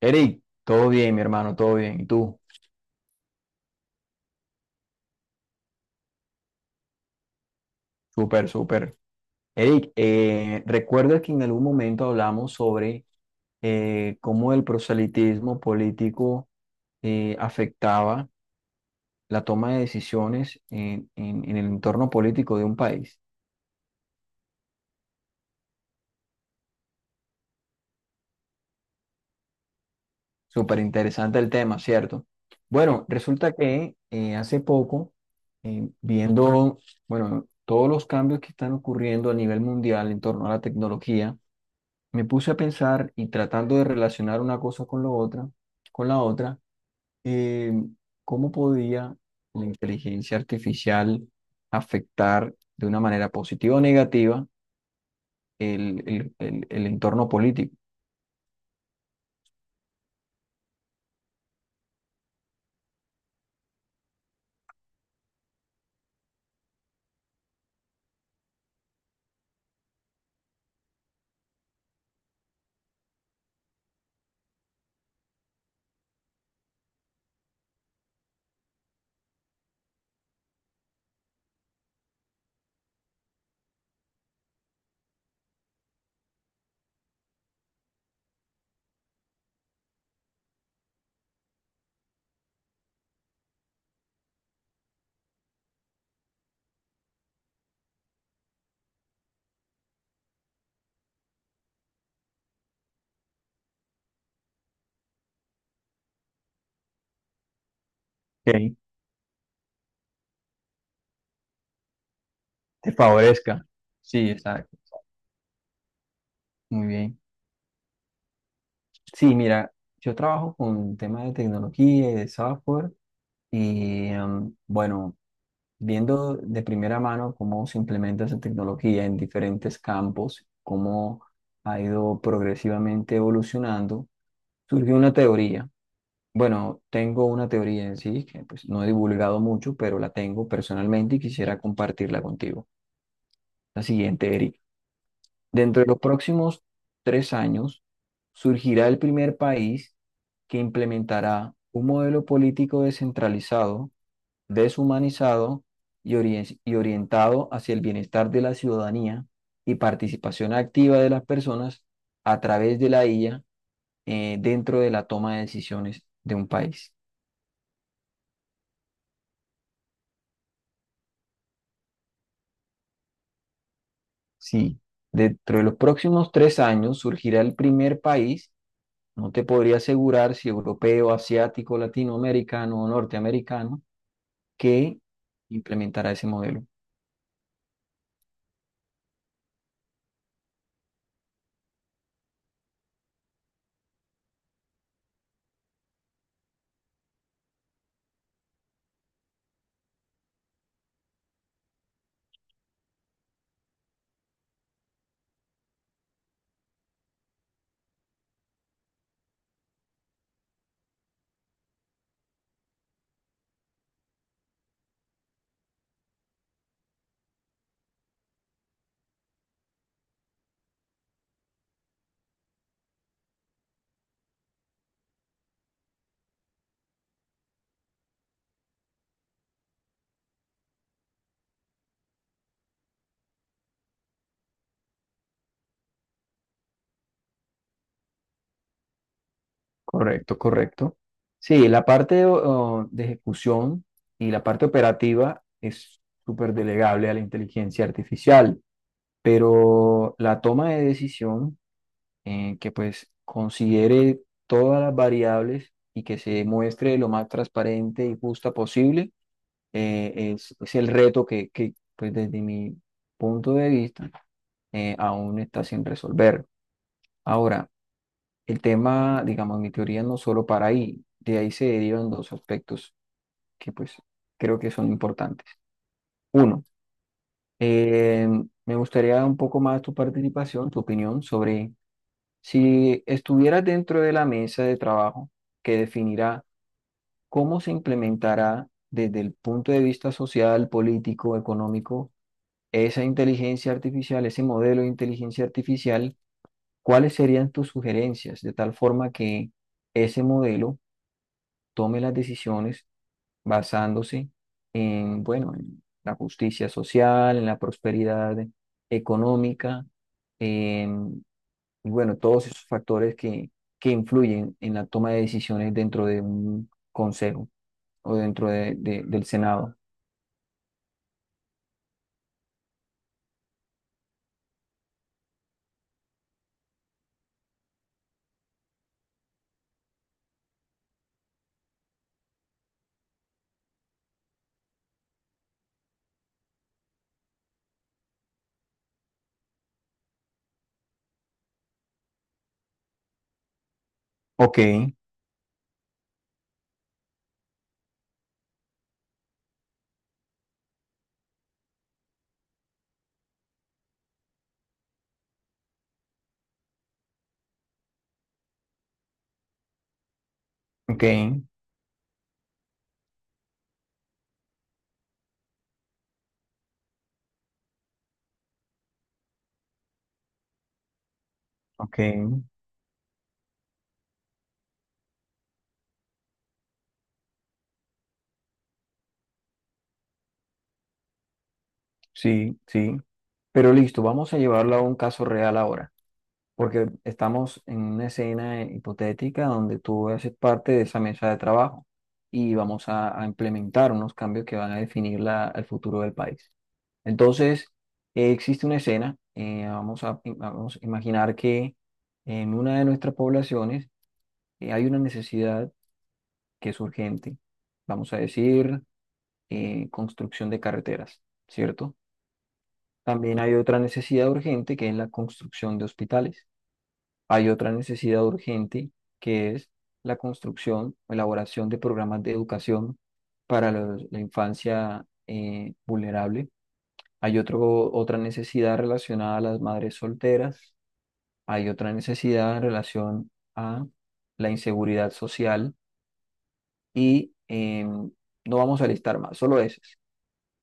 Eric, todo bien, mi hermano, todo bien. ¿Y tú? Súper, súper. Eric, ¿recuerdas que en algún momento hablamos sobre cómo el proselitismo político afectaba la toma de decisiones en, en el entorno político de un país? Súper interesante el tema, ¿cierto? Bueno, resulta que hace poco, viendo, bueno, todos los cambios que están ocurriendo a nivel mundial en torno a la tecnología, me puse a pensar y tratando de relacionar una cosa con lo otra, con la otra, eh, cómo podía la inteligencia artificial afectar de una manera positiva o negativa el entorno político. Ok, te favorezca. Sí, exacto. Muy bien. Sí, mira, yo trabajo con temas de tecnología y de software y bueno, viendo de primera mano cómo se implementa esa tecnología en diferentes campos, cómo ha ido progresivamente evolucionando, surgió una teoría. Bueno, tengo una teoría en sí que pues, no he divulgado mucho, pero la tengo personalmente y quisiera compartirla contigo. La siguiente, Eric. Dentro de los próximos 3 años surgirá el primer país que implementará un modelo político descentralizado, deshumanizado y orientado hacia el bienestar de la ciudadanía y participación activa de las personas a través de la IA, dentro de la toma de decisiones de un país. Sí, dentro de los próximos tres años surgirá el primer país, no te podría asegurar si europeo, asiático, latinoamericano o norteamericano, que implementará ese modelo. Correcto, correcto. Sí, la parte de ejecución y la parte operativa es súper delegable a la inteligencia artificial, pero la toma de decisión, que pues considere todas las variables y que se muestre lo más transparente y justa posible, es el reto que, pues desde mi punto de vista, aún está sin resolver. Ahora, el tema, digamos, mi teoría no solo para ahí, de ahí se derivan dos aspectos que pues creo que son importantes. Uno, eh, me gustaría un poco más tu participación, tu opinión sobre si estuvieras dentro de la mesa de trabajo que definirá cómo se implementará desde el punto de vista social, político, económico esa inteligencia artificial, ese modelo de inteligencia artificial, ¿cuáles serían tus sugerencias? De tal forma que ese modelo tome las decisiones basándose en, bueno, en la justicia social, en la prosperidad económica, en, y bueno, todos esos factores que influyen en la toma de decisiones dentro de un consejo o dentro del Senado. Ok, ok, ok, sí, sí. Pero listo, vamos a llevarlo a un caso real ahora, porque estamos en una escena hipotética donde tú haces parte de esa mesa de trabajo y vamos a implementar unos cambios que van a definir el futuro del país. Entonces, existe una escena, vamos a imaginar que en una de nuestras poblaciones hay una necesidad que es urgente, vamos a decir, construcción de carreteras, ¿cierto? También hay otra necesidad urgente que es la construcción de hospitales. Hay otra necesidad urgente que es la construcción o elaboración de programas de educación para la infancia vulnerable. Hay otra necesidad relacionada a las madres solteras. Hay otra necesidad en relación a la inseguridad social y no vamos a listar más, solo esas.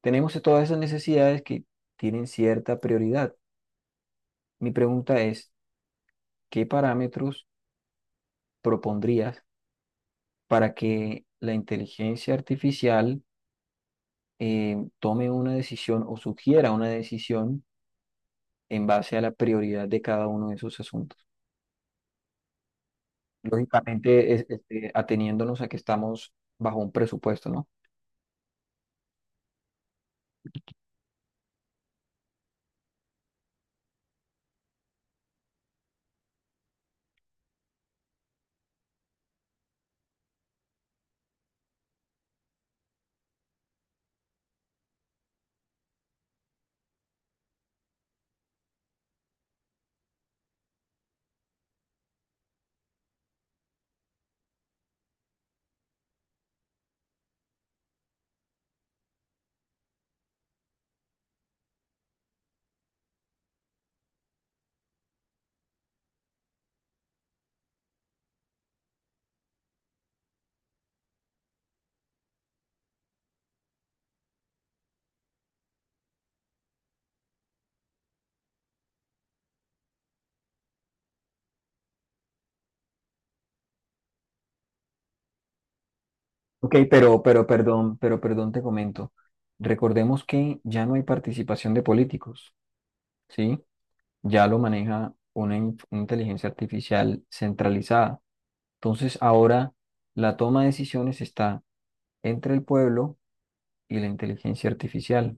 Tenemos todas esas necesidades que tienen cierta prioridad. Mi pregunta es: ¿qué parámetros propondrías para que la inteligencia artificial tome una decisión o sugiera una decisión en base a la prioridad de cada uno de esos asuntos? Lógicamente, este, ateniéndonos a que estamos bajo un presupuesto, ¿no? Ok, pero perdón, te comento. Recordemos que ya no hay participación de políticos, ¿sí? Ya lo maneja una una inteligencia artificial centralizada. Entonces, ahora la toma de decisiones está entre el pueblo y la inteligencia artificial.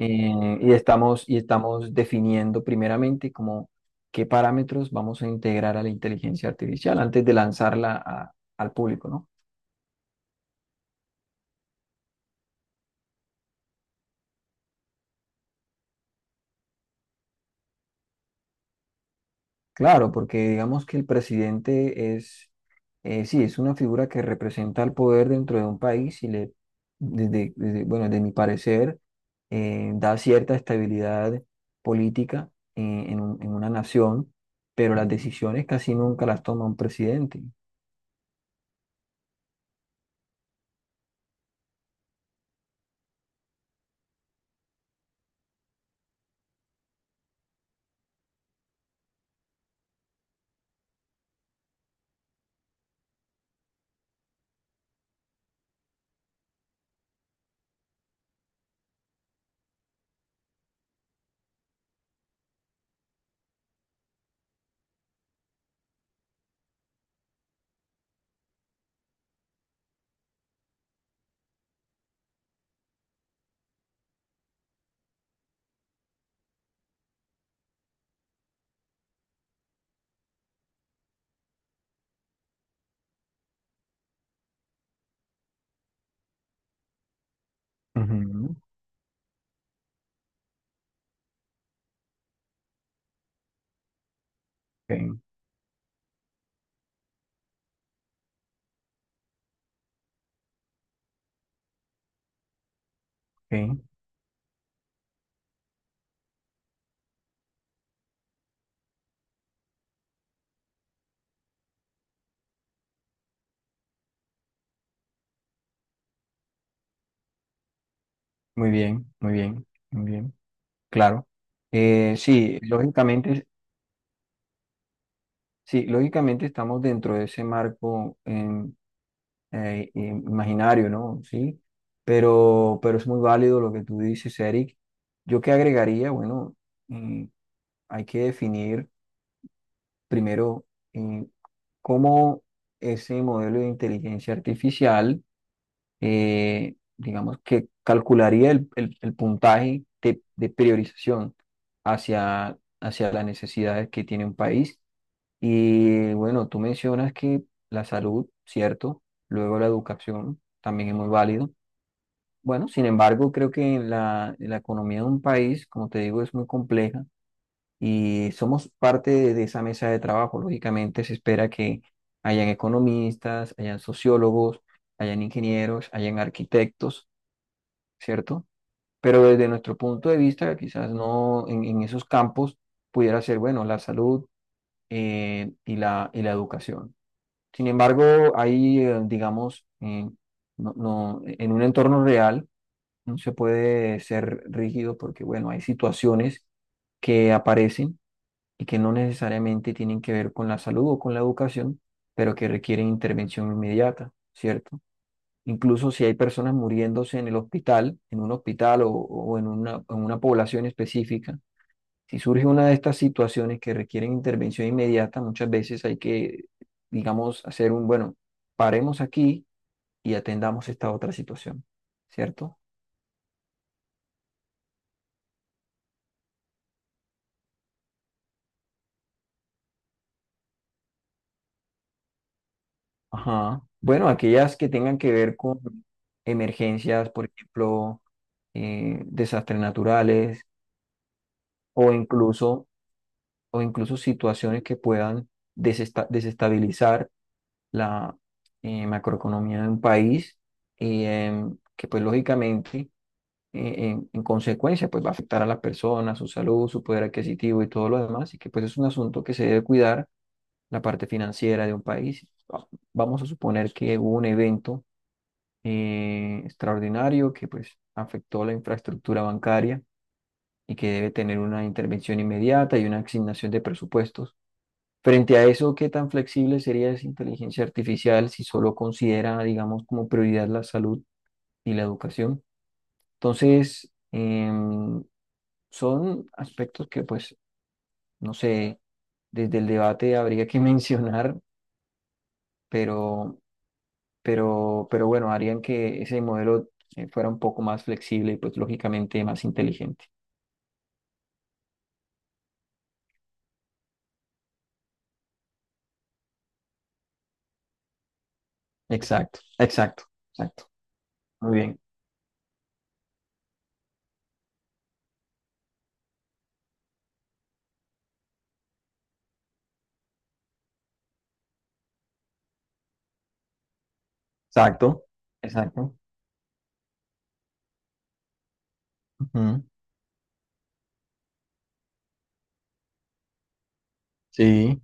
Y estamos definiendo primeramente como qué parámetros vamos a integrar a la inteligencia artificial antes de lanzarla al público, ¿no? Claro, porque digamos que el presidente es, sí, es una figura que representa el poder dentro de un país y le, bueno, de mi parecer, da cierta estabilidad política en una nación, pero las decisiones casi nunca las toma un presidente. Ujú, ok, ok, muy bien, muy bien, muy bien. Claro. Eh, sí, lógicamente, sí, lógicamente, estamos dentro de ese marco imaginario, ¿no? Sí, pero, es muy válido lo que tú dices, Eric. Yo qué agregaría, bueno, mm, hay que definir primero eh, cómo ese modelo de inteligencia artificial, digamos, que calcularía el puntaje de priorización hacia las necesidades que tiene un país. Y bueno, tú mencionas que la salud, ¿cierto? Luego la educación también es muy válido. Bueno, sin embargo, creo que en la economía de un país, como te digo, es muy compleja y somos parte de esa mesa de trabajo. Lógicamente se espera que hayan economistas, hayan sociólogos, hayan ingenieros, hayan arquitectos, ¿cierto? Pero desde nuestro punto de vista, quizás no en esos campos pudiera ser, bueno, la salud y la educación. Sin embargo, hay, digamos, no, en un entorno real no se puede ser rígido porque, bueno, hay situaciones que aparecen y que no necesariamente tienen que ver con la salud o con la educación, pero que requieren intervención inmediata, ¿cierto? Incluso si hay personas muriéndose en el hospital, en un hospital o en una población específica, si surge una de estas situaciones que requieren intervención inmediata, muchas veces hay que, digamos, hacer un, bueno, paremos aquí y atendamos esta otra situación, ¿cierto? Ajá. Bueno, aquellas que tengan que ver con emergencias, por ejemplo, desastres naturales o incluso situaciones que puedan desestabilizar la macroeconomía de un país y que pues lógicamente en consecuencia pues va a afectar a las personas, su salud, su poder adquisitivo y todo lo demás y que pues es un asunto que se debe cuidar la parte financiera de un país. Vamos a suponer que hubo un evento extraordinario que pues afectó la infraestructura bancaria y que debe tener una intervención inmediata y una asignación de presupuestos. Frente a eso, ¿qué tan flexible sería esa inteligencia artificial si solo considera, digamos, como prioridad la salud y la educación? Entonces, son aspectos que pues, no sé, desde el debate habría que mencionar, pero pero bueno, harían que ese modelo fuera un poco más flexible y pues lógicamente más inteligente. Exacto, exacto, exacto. Muy bien. Exacto, exacto. Ujú, sí,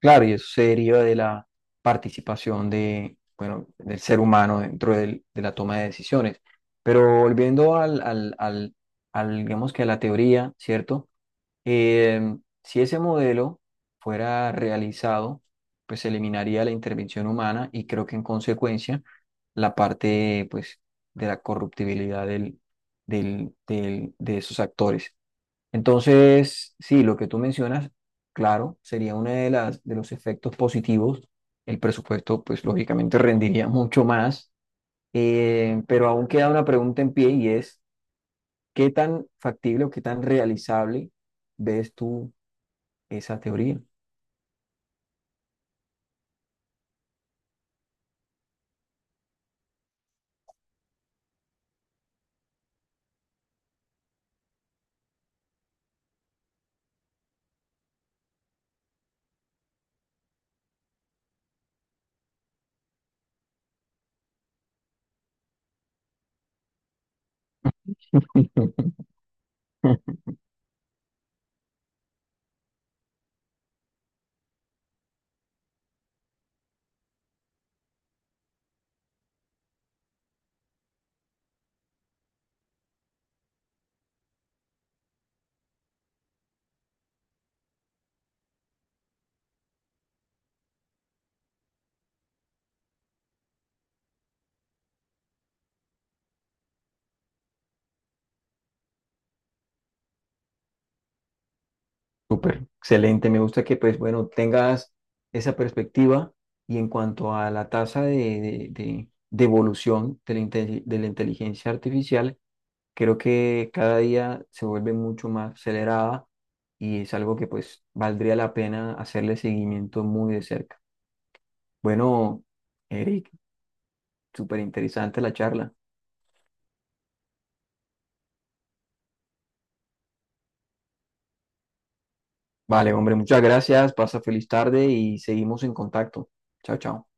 claro, y eso se deriva de la participación de, bueno, del ser humano dentro de la toma de decisiones. Pero volviendo al, digamos que a la teoría, ¿cierto? Eh, si ese modelo fuera realizado, pues se eliminaría la intervención humana y creo que en consecuencia la parte pues de la corruptibilidad de esos actores. Entonces, sí, lo que tú mencionas, claro, sería uno de los efectos positivos. El presupuesto, pues lógicamente rendiría mucho más. Pero aún queda una pregunta en pie y es, ¿qué tan factible o qué tan realizable ves tú esa teoría? Súper, excelente. Me gusta que, pues, bueno, tengas esa perspectiva y en cuanto a la tasa de evolución de la inteligencia artificial, creo que cada día se vuelve mucho más acelerada y es algo que, pues, valdría la pena hacerle seguimiento muy de cerca. Bueno, Eric, súper interesante la charla. Vale, hombre, muchas gracias. Pasa feliz tarde y seguimos en contacto. Chao, chao.